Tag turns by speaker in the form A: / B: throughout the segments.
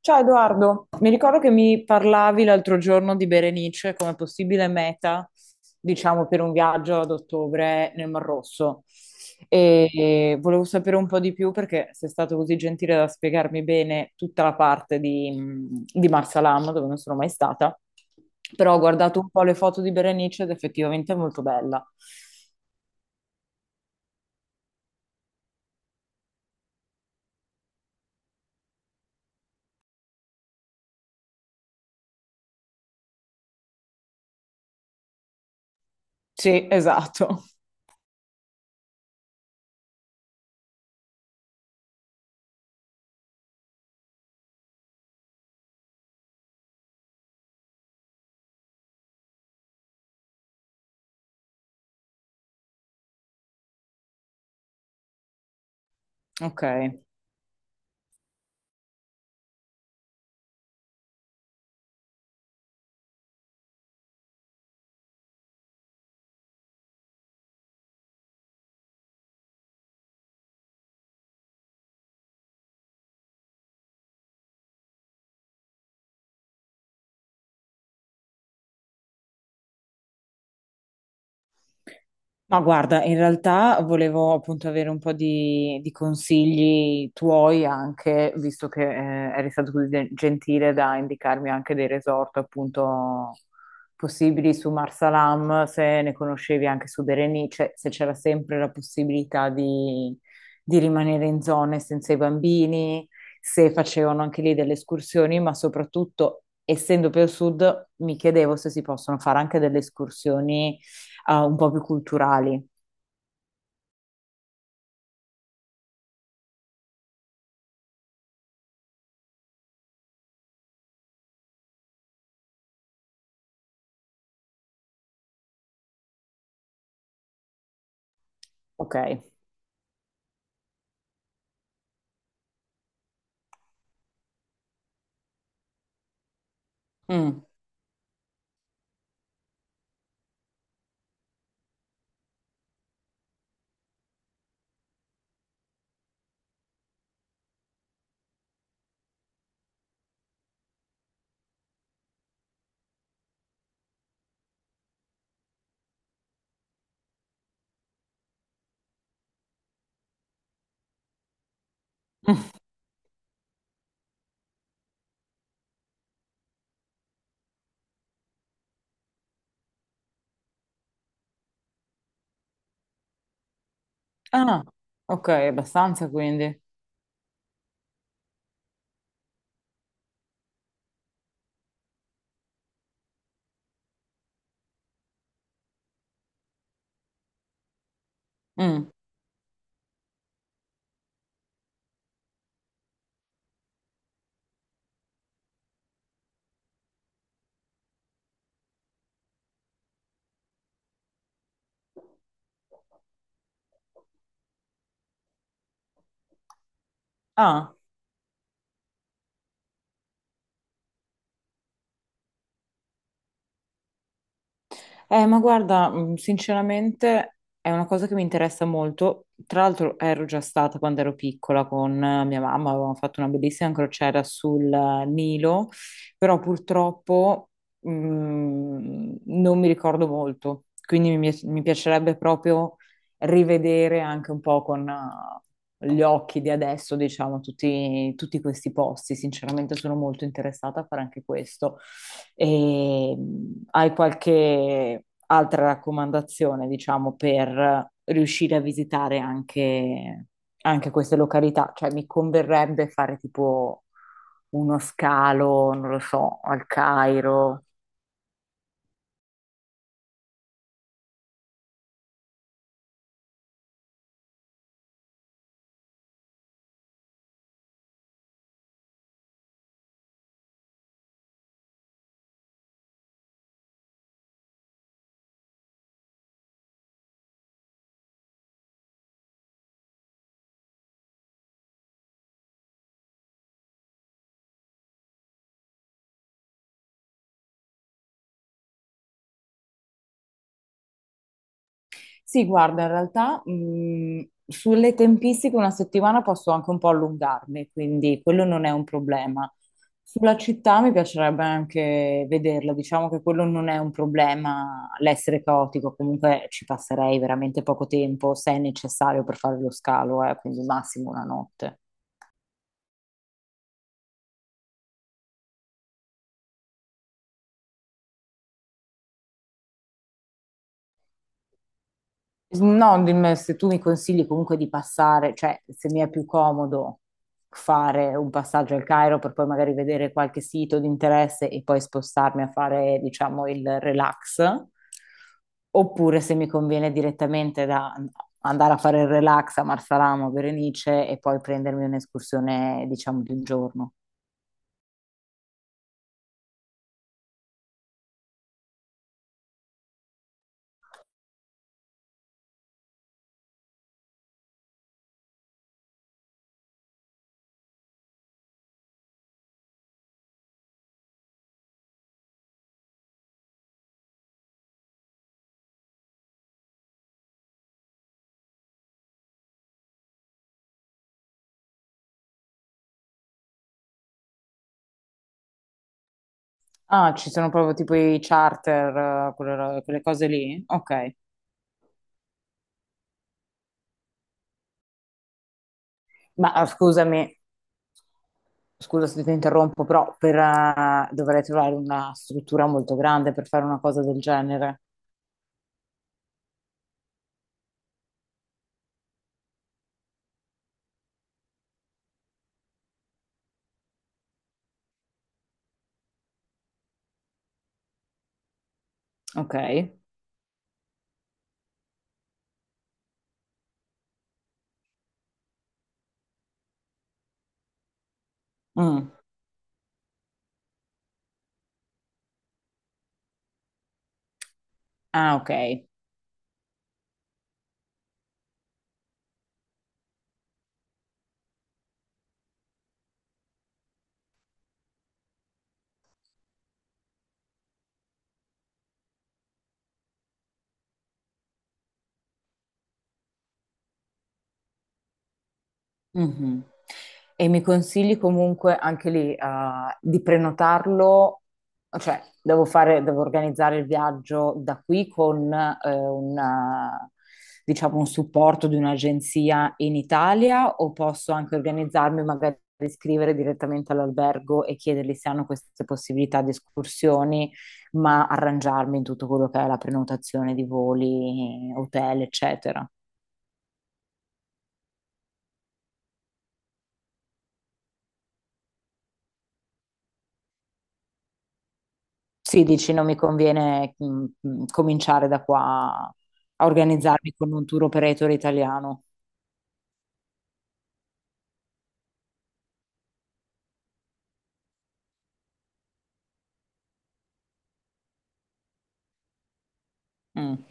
A: Ciao Edoardo, mi ricordo che mi parlavi l'altro giorno di Berenice come possibile meta, diciamo, per un viaggio ad ottobre nel Mar Rosso. E volevo sapere un po' di più perché sei stato così gentile da spiegarmi bene tutta la parte di Marsalam, dove non sono mai stata. Però ho guardato un po' le foto di Berenice ed effettivamente è molto bella. Sì, esatto. Ok. Ma guarda, in realtà volevo appunto avere un po' di consigli tuoi anche, visto che eri stato così gentile da indicarmi anche dei resort appunto possibili su Marsalam, se ne conoscevi anche su Berenice, se c'era sempre la possibilità di rimanere in zone senza i bambini, se facevano anche lì delle escursioni, ma soprattutto, essendo più al sud, mi chiedevo se si possono fare anche delle escursioni un po' più culturali. Ok. Mm. Ah, ok, abbastanza quindi. Mm. Ah, ma guarda, sinceramente è una cosa che mi interessa molto. Tra l'altro ero già stata quando ero piccola con mia mamma, avevamo fatto una bellissima crociera sul Nilo, però purtroppo non mi ricordo molto, quindi mi piacerebbe proprio rivedere anche un po' con, gli occhi di adesso, diciamo, tutti questi posti. Sinceramente sono molto interessata a fare anche questo. E, hai qualche altra raccomandazione, diciamo, per riuscire a visitare anche, anche queste località? Cioè, mi converrebbe fare tipo uno scalo, non lo so, al Cairo. Sì, guarda, in realtà sulle tempistiche una settimana posso anche un po' allungarmi, quindi quello non è un problema. Sulla città mi piacerebbe anche vederla, diciamo che quello non è un problema, l'essere caotico, comunque ci passerei veramente poco tempo se è necessario per fare lo scalo, quindi massimo una notte. No, dimmi se tu mi consigli comunque di passare, cioè se mi è più comodo fare un passaggio al Cairo per poi magari vedere qualche sito di interesse e poi spostarmi a fare, diciamo, il relax, oppure se mi conviene direttamente da andare a fare il relax a Marsalamo, a Berenice e poi prendermi un'escursione, diciamo, di un giorno. Ah, ci sono proprio tipo i charter, quelle, quelle cose lì? Ok. Scusami, scusa se ti interrompo, però per, dovrei trovare una struttura molto grande per fare una cosa del genere. Ok. Mm. Ah, ok. Mhm. E mi consigli comunque anche lì, di prenotarlo, cioè devo fare, devo organizzare il viaggio da qui con un, diciamo, un supporto di un'agenzia in Italia o posso anche organizzarmi magari iscrivere direttamente all'albergo e chiedergli se hanno queste possibilità di escursioni, ma arrangiarmi in tutto quello che è la prenotazione di voli, hotel, eccetera. Sì, dici, non mi conviene cominciare da qua a organizzarmi con un tour operator italiano. Mm,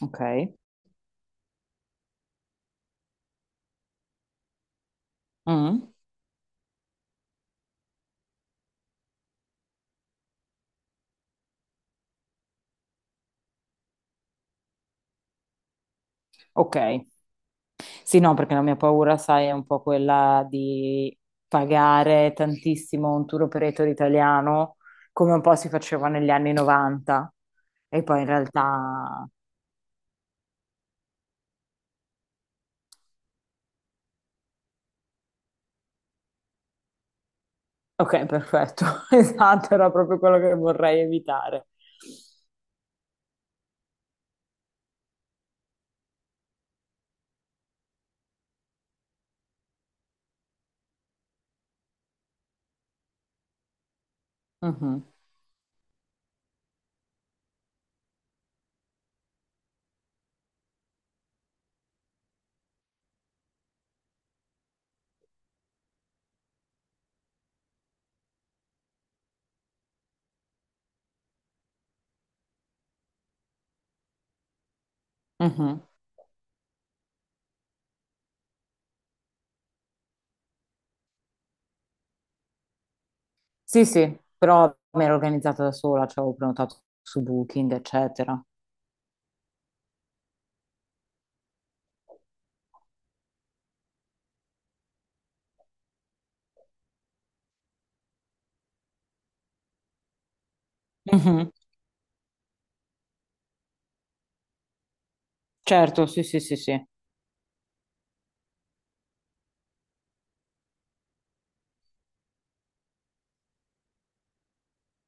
A: ok. Mm, ok. Sì, no, perché la mia paura, sai, è un po' quella di pagare tantissimo un tour operator italiano, come un po' si faceva negli anni 90, e poi in realtà... Ok, perfetto. Esatto, era proprio quello che vorrei evitare. Mhm, mhm. Sì, sì, però mi ero organizzata da sola, cioè avevo prenotato su Booking, eccetera. Mhm. Certo, sì, sì, sì, sì,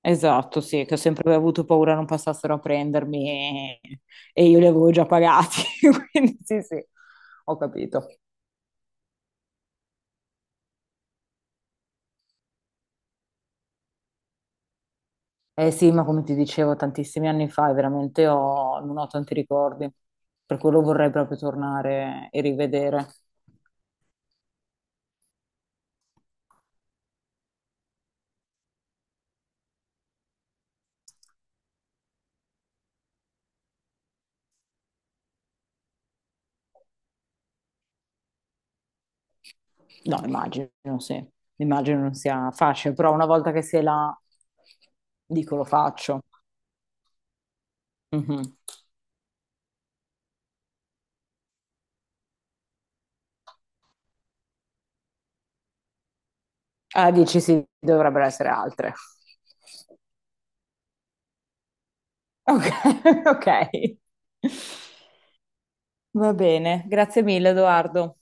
A: esatto, sì, che ho sempre avuto paura non passassero a prendermi e, e io li avevo già pagati, quindi sì, sì, ho capito. Eh sì, ma come ti dicevo tantissimi anni fa, veramente non ho tanti ricordi, per quello vorrei proprio tornare e rivedere. No, immagino, sì. Immagino non sia facile, però una volta che sei là, dico lo faccio. Mhm. Ah, dici sì, dovrebbero essere altre. Ok, ok. Va bene, grazie mille, Edoardo.